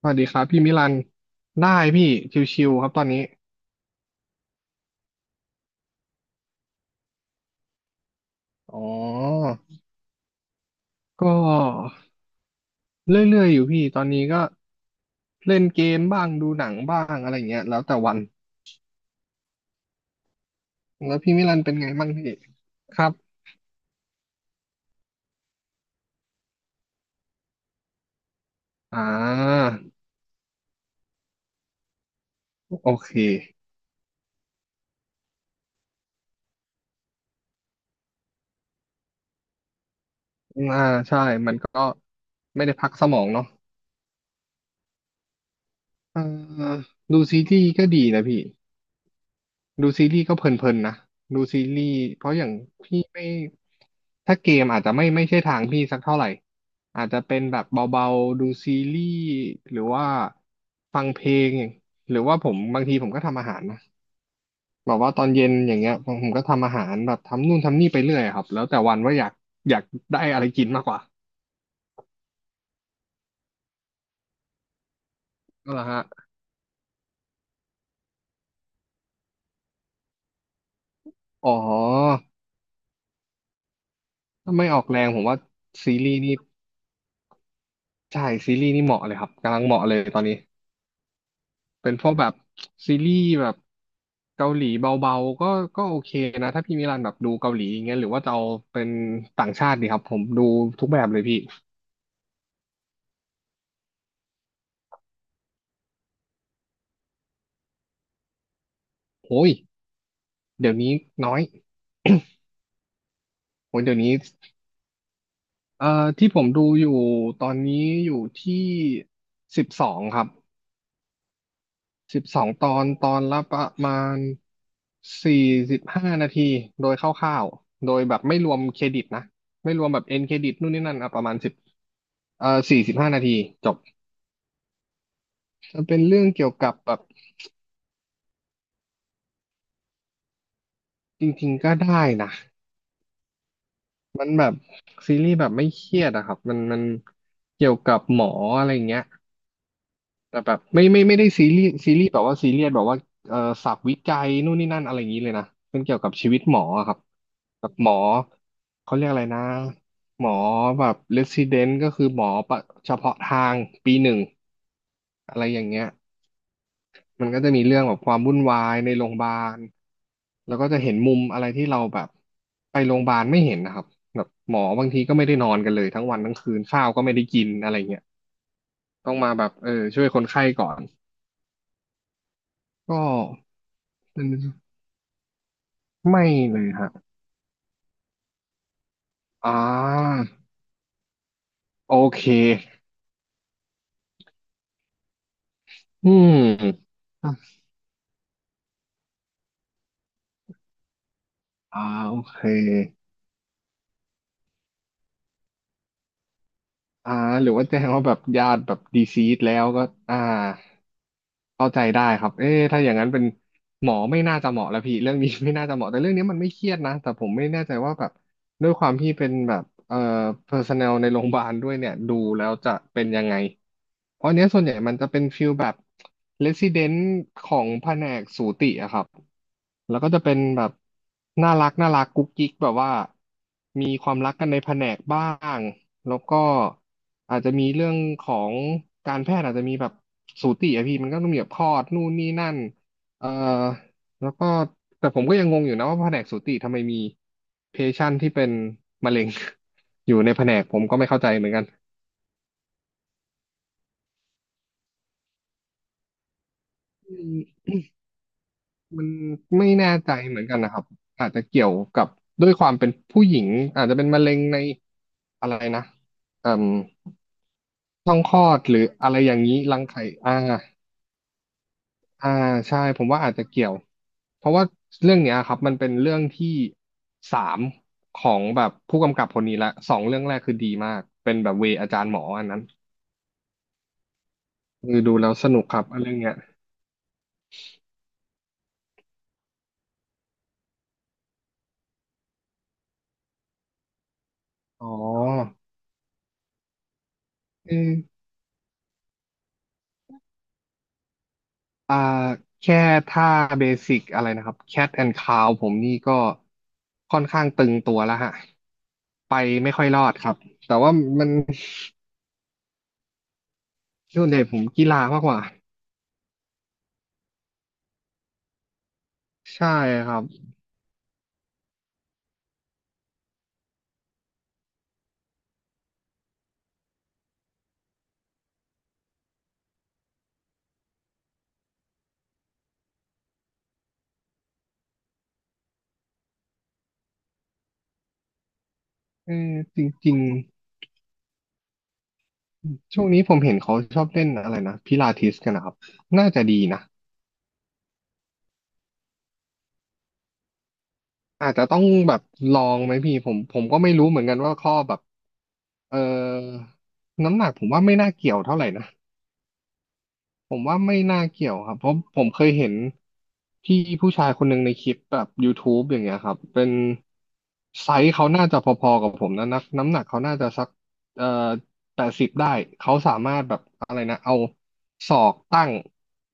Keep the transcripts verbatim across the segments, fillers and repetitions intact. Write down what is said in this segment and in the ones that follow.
สวัสดีครับพี่มิลันได้พี่ชิวๆครับตอนนี้อ๋อก็เรื่อยๆอยู่พี่ตอนนี้ก็เล่นเกมบ้างดูหนังบ้างอะไรเงี้ยแล้วแต่วันแล้วพี่มิลันเป็นไงบ้างพี่ครับอ่าโอเคอ่าใช่มันก็ไม่ได้พักสมองเนาะเอ่อดูซีรีส์ก็ดีนะพี่ ดูซีรีส์ก็เพลินๆนะดูซีรีส์เพราะอย่างพี่ไม่ถ้าเกมอาจจะไม่ไม่ใช่ทางพี่สักเท่าไหร่อาจจะเป็นแบบเบาๆดูซีรีส์หรือว่าฟังเพลงอย่างหรือว่าผมบางทีผมก็ทำอาหารนะแบบว่าตอนเย็นอย่างเงี้ยผมผมก็ทำอาหารแบบทำนู่นทำนี่ไปเรื่อยครับแล้วแต่วันว่าอยากอยากได้อะไรกินมากกว่าก็ละฮะอ๋อถ้าไม่ออกแรงผมว่าซีรีส์นี่ใช่ซีรีส์นี่เหมาะเลยครับกำลังเหมาะเลยตอนนี้ เป็นพวกแบบซีรีส์แบบเกาหลีเบาๆก็ก็โอเคนะถ้าพี่มิลันแบบดูเกาหลีอย่างเงี้ยหรือว่าจะเอาเป็นต่างชาติดีครับผมดูทุกแบบเลยพี่โอ้ยเดี๋ยวนี้น้อยโอ้ยเดี๋ยวนี้เอ่อที่ผมดูอยู่ตอนนี้อยู่ที่สิบสองครับสิบสองตอนตอนละประมาณสี่สิบห้านาทีโดยคร่าวๆโดยแบบไม่รวมเครดิตนะไม่รวมแบบเอ็นเครดิตนู่นนี่นั่นอ่ะประมาณสิบเอ่อสี่สิบห้านาทีจบ จะเป็นเรื่องเกี่ยวกับแบบจริงๆก็ได้นะมันแบบซีรีส์แบบไม่เครียดอะครับมันมันเกี่ยวกับหมออะไรเงี้ยแต่แบบไม่ไม่ไม่ได้ซีรีส์ซีรีส์แบบว่าซีเรียสแบบว่าเอ่อศัพท์วิจัยนู่นนี่นั่นอะไรอย่างนี้เลยนะเป็นเกี่ยวกับชีวิตหมออะครับแบบหมอเขาเรียกอะไรนะหมอแบบเรสซิเดนต์ก็คือหมอประเฉพาะทางปีหนึ่งอะไรอย่างเงี้ย มันก็จะมีเรื่องแบบความวุ่นวายในโรงพยาบาล แล้วก็จะเห็นมุมอะไรที่เราแบบไปโรงพยาบาลไม่เห็นนะครับแบบหมอบางทีก็ไม่ได้นอนกันเลยทั้งวันทั้งคืนข้าวก็ไม่ได้กินอะไรเงี้ยต้องมาแบบเออช่วยคนไข้ก่อนก็ไม่เลยฮะอ่าโอเคอืมอ่าโอเคอ่าหรือว่าแจ้งว่าแบบญาติแบบดีซีดแล้วก็อ่าเข้าใจได้ครับเอ๊ะถ้าอย่างนั้นเป็น หมอไม่น่าจะเหมาะแล้วพี่เรื่องนี้ ไม่น่าจะเหมาะแต่เรื่องนี้มันไม่เครียดนะแต่ผมไม่แน่ใจว่าแบบด้วยความที่เป็นแบบเอ่อ personnel ในโรงพยาบาลด้วยเนี่ยดูแล้วจะเป็นยังไงเพราะอันเนี้ยส่วนใหญ่มันจะเป็นฟิลแบบ resident ของแผนกสูติอะครับแล้วก็จะเป็นแบบน่ารักน่ารักกุ๊กกิ๊กแบบว่ามีความรักกันในแผนกบ้างแล้วก็อาจจะมีเรื่องของการแพทย์อาจจะมีแบบสูติอะพี่มันก็ต้องมีแบบคลอดนู่นนี่นั่น เอ่อแล้วก็แต่ผมก็ยังงงอยู่นะว่าแผนกสูติทำไมมีเพชันที่เป็นมะเร็ง อยู่ในแผนกผมก็ไม่เข้าใจเหมือนกันอืมมันไม่แน่ใจเหมือนกันนะครับอาจจะเกี่ยวกับด้วยความเป็นผู้หญิงอาจจะเป็นมะเร็งในอะไรนะอืมช่องคลอดหรืออะไรอย่างนี้รังไข่อ่า อ่าใช่ผมว่าอาจจะเกี่ยวเพราะว่าเรื่องเนี้ยครับมันเป็นเรื่องที่สามของแบบผู้กำกับคนนี้ละสองเรื่องแรกคือดีมากเป็นแบบเวอาจารย์หมออันนั้นคือดูแล้วสนุกครับอันเรื่องเนี้ยอ๋อเอออ่าแค่ท่าเบสิกอะไรนะครับ แคท แอนด์ คาว ผมนี่ก็ค่อนข้างตึงตัวแล้วฮะไปไม่ค่อยรอดครับแต่ว่ามันส่วนใหญ่ผมกีฬามากกว่าใช่ครับเออจริงๆ ช่วงนี้ผมเห็นเขาชอบเล่นอะไรนะพิลาทิสกันนะครับน่าจะดีนะอาจจะต้องแบบลองไหมพี่ผมผมก็ไม่รู้เหมือนกันว่าข้อแบบเออน้ำหนักผมว่าไม่น่าเกี่ยวเท่าไหร่นะ ผมว่าไม่น่าเกี่ยวครับเพราะผมเคยเห็นพี่ผู้ชายคนหนึ่งในคลิปแบบ ยูทูบ อย่างเงี้ยครับเป็นไซส์เขาน่าจะพอๆกับผมนะนักน้ำหนักเขาน่าจะสักเอ่อแปดสิบได้เขาสามารถแบบอะไรนะเอาศอกตั้ง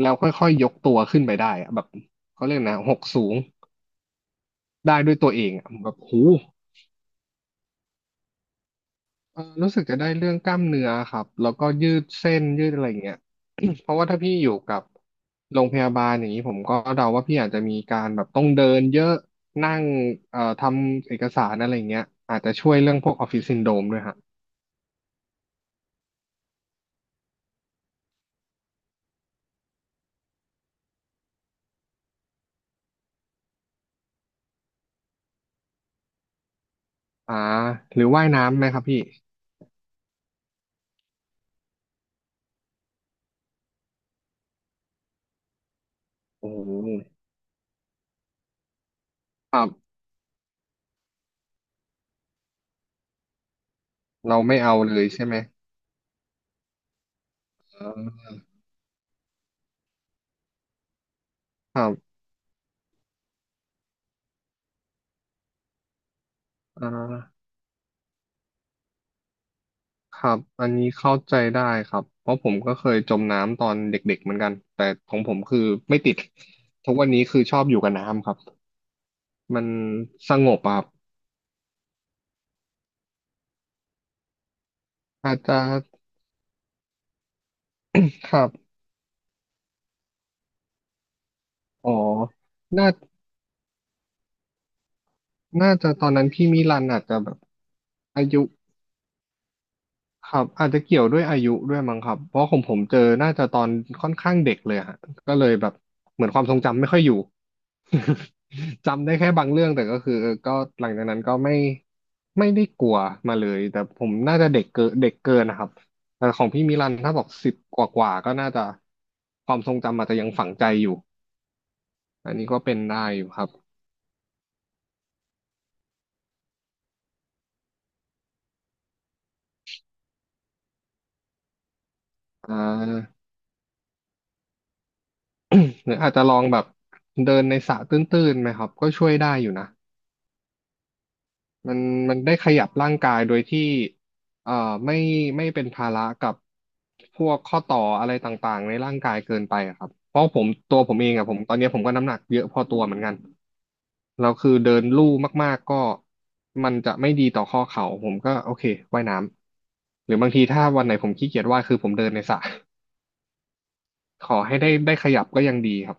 แล้วค่อยๆยกตัวขึ้นไปได้อะแบบเขาเรียกนะหกสูงได้ด้วยตัวเองอะแบบหู เอ่อรู้สึกจะได้เรื่องกล้ามเนื้อครับแล้วก็ยืดเส้นยืดอะไรอย่างเงี้ย เพราะว่าถ้าพี่อยู่กับโรงพยาบาลอย่างนี้ผมก็เดาว่าพี่อาจจะมีการแบบต้องเดินเยอะนั่งเอ่อทำเอกสารอะไรอย่างเงี้ยอาจจะช่วยเรื่องพวกออฟฟิศซินโดรมด้วยฮะอ่าหรือว่ายน้ำไหมครับพี่โอ้โหครับเราไม่เอาเลยใช่ไหมเออครับอ่า ครับอันนี้เข้าใจได้ครับเพราะผมก็เคยจมน้ำตอนเด็กๆเหมือนกันแต่ของผมคือไม่ติดทุกวันนี้คือชอบอยู่กับน้ำครับมันสงบอะครับอาจจะครับอ๋อน่าน่าจะตอนนั้นพี่มิลันอาจจะแบบอายุครับอาจจะเกี่ยวด้วยอายุด้วยมั้งครับเพราะของผมเจอน่าจะตอนค่อนข้างเด็กเลยฮะก็เลยแบบเหมือนความทรงจำไม่ค่อยอยู่ จำได้แค่บางเรื่องแต่ก็คือเออก็หลังจากนั้นก็ไม่ไม่ได้กลัวมาเลยแต่ผมน่าจะเด็กเกินเด็กเกินนะครับแต่ของพี่มิลันถ้าบอกสิบกว่ากว่าก็น่าจะความทรงจำอาจจะยังฝังใจอยู่อันนี้ก็เป็นได้อยู่ครับอ่าหรืออาจจะลองแบบเดินในสระตื้นๆไหมครับก็ช่วยได้อยู่นะ มันมันได้ขยับร่างกายโดยที่เอ่อไม่ไม่เป็นภาระกับพวกข้อต่ออะไรต่างๆในร่างกายเกินไปอะครับเพราะผมตัวผมเองอะผมตอนเนี้ยผมก็น้ำหนักเยอะพอตัวเหมือนกันแล้วคือเดินลู่มากๆก็มันจะไม่ดีต่อข้อเข่าผมก็โอเคว่ายน้ำหรือบางทีถ้าวันไหนผมขี้เกียจว่ายคือผมเดินในสระ ขอให้ได้ได้ขยับก็ยังดีครับ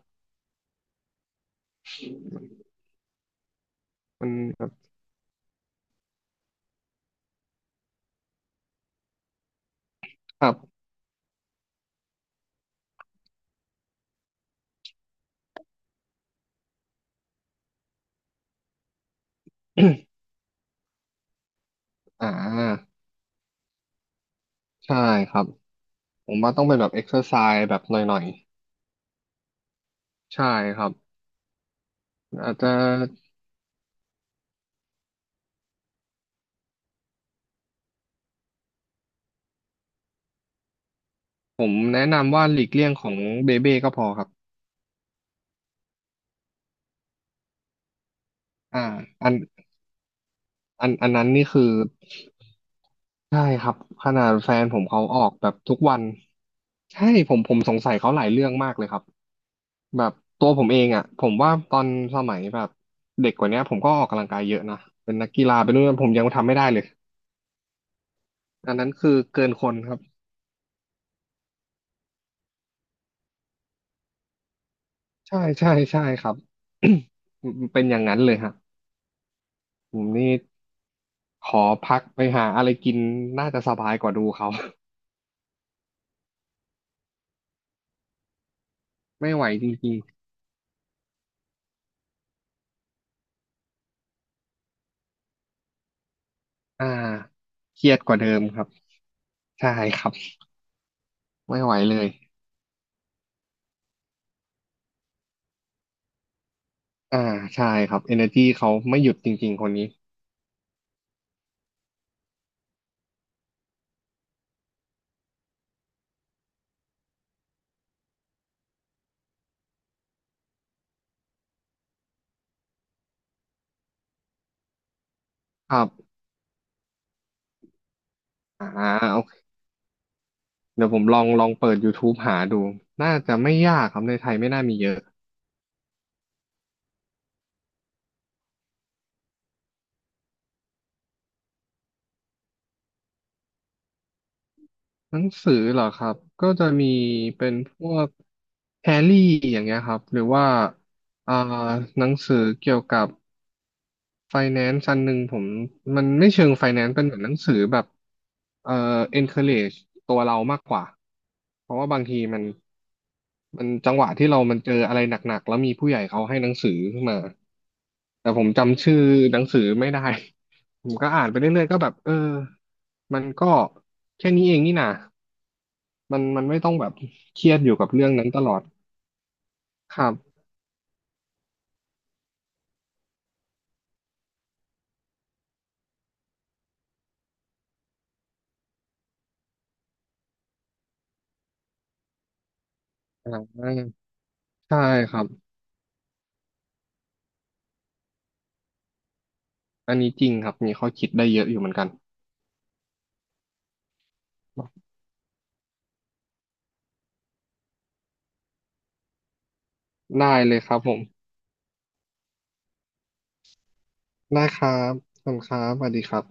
มันครับ อ่าใช่ครับผมว่าต้องเป็นแบบเอ็กซ์เซอร์ไซส์แบบหน่อยๆ ใช่ครับอาจจะผมแนะนำว่าหลีกเลี่ยงของเบเบ้ก็พอครับอ่าอันอันอันนั้นนี่คือใช่ครับขนาดแฟนผมเขาออกแบบทุกวันใช่ผมผมสงสัยเขาหลายเรื่องมากเลยครับแบบตัวผมเองอ่ะผมว่าตอนสมัยแบบเด็กกว่าเนี้ยผมก็ออกกำลังกายเยอะนะเป็นนักกีฬาเป็นนู่นผมยังทำไม่ได้เลยอันนั้นคือเกินคนครับใช่ใช่ใช่ครับ เป็นอย่างนั้นเลยฮะ ผมนี่ขอพักไปหาอะไรกินน่าจะสบายกว่าดูเขา ไม่ไหวจริงๆอ่าเครียดกว่าเดิมครับใช่ครับไม่ไหวเลยอ่าใช่ครับ energy เขาไม่หยุดจริงๆคนนี้ครับอ่าโอเคเดี๋ยวผมลองลองเปิด YouTube หาดูน่าจะไม่ยากครับในไทยไม่น่ามีเยอะหนังสือเหรอครับก็จะมีเป็นพวกแฮร์รี่อย่างเงี้ยครับหรือว่าอ่าหนังสือเกี่ยวกับ ไฟแนนซ์อันหนึ่งผมมันไม่เชิงไฟแนนซ์เป็นเหมือนหนังสือแบบเอ่อ encourage ตัวเรามากกว่าเพราะว่าบางทีมันมันจังหวะที่เรามันเจออะไรหนักๆแล้วมีผู้ใหญ่เขาให้หนังสือขึ้นมาแต่ผมจำชื่อหนังสือไม่ได้ ผมก็อ่านไปเรื่อยๆก็แบบเออมันก็แค่นี้เองนี่นะมันมันไม่ต้องแบบเครียดอยู่กับเรื่องนั้นตลอดครับอ่าใช่ครับอันนี้จริงครับมีข้อคิดได้เยอะอยู่เหมือนกันได้เลยครับผม ได้ครับขอบคุณครับสวัสดีครับ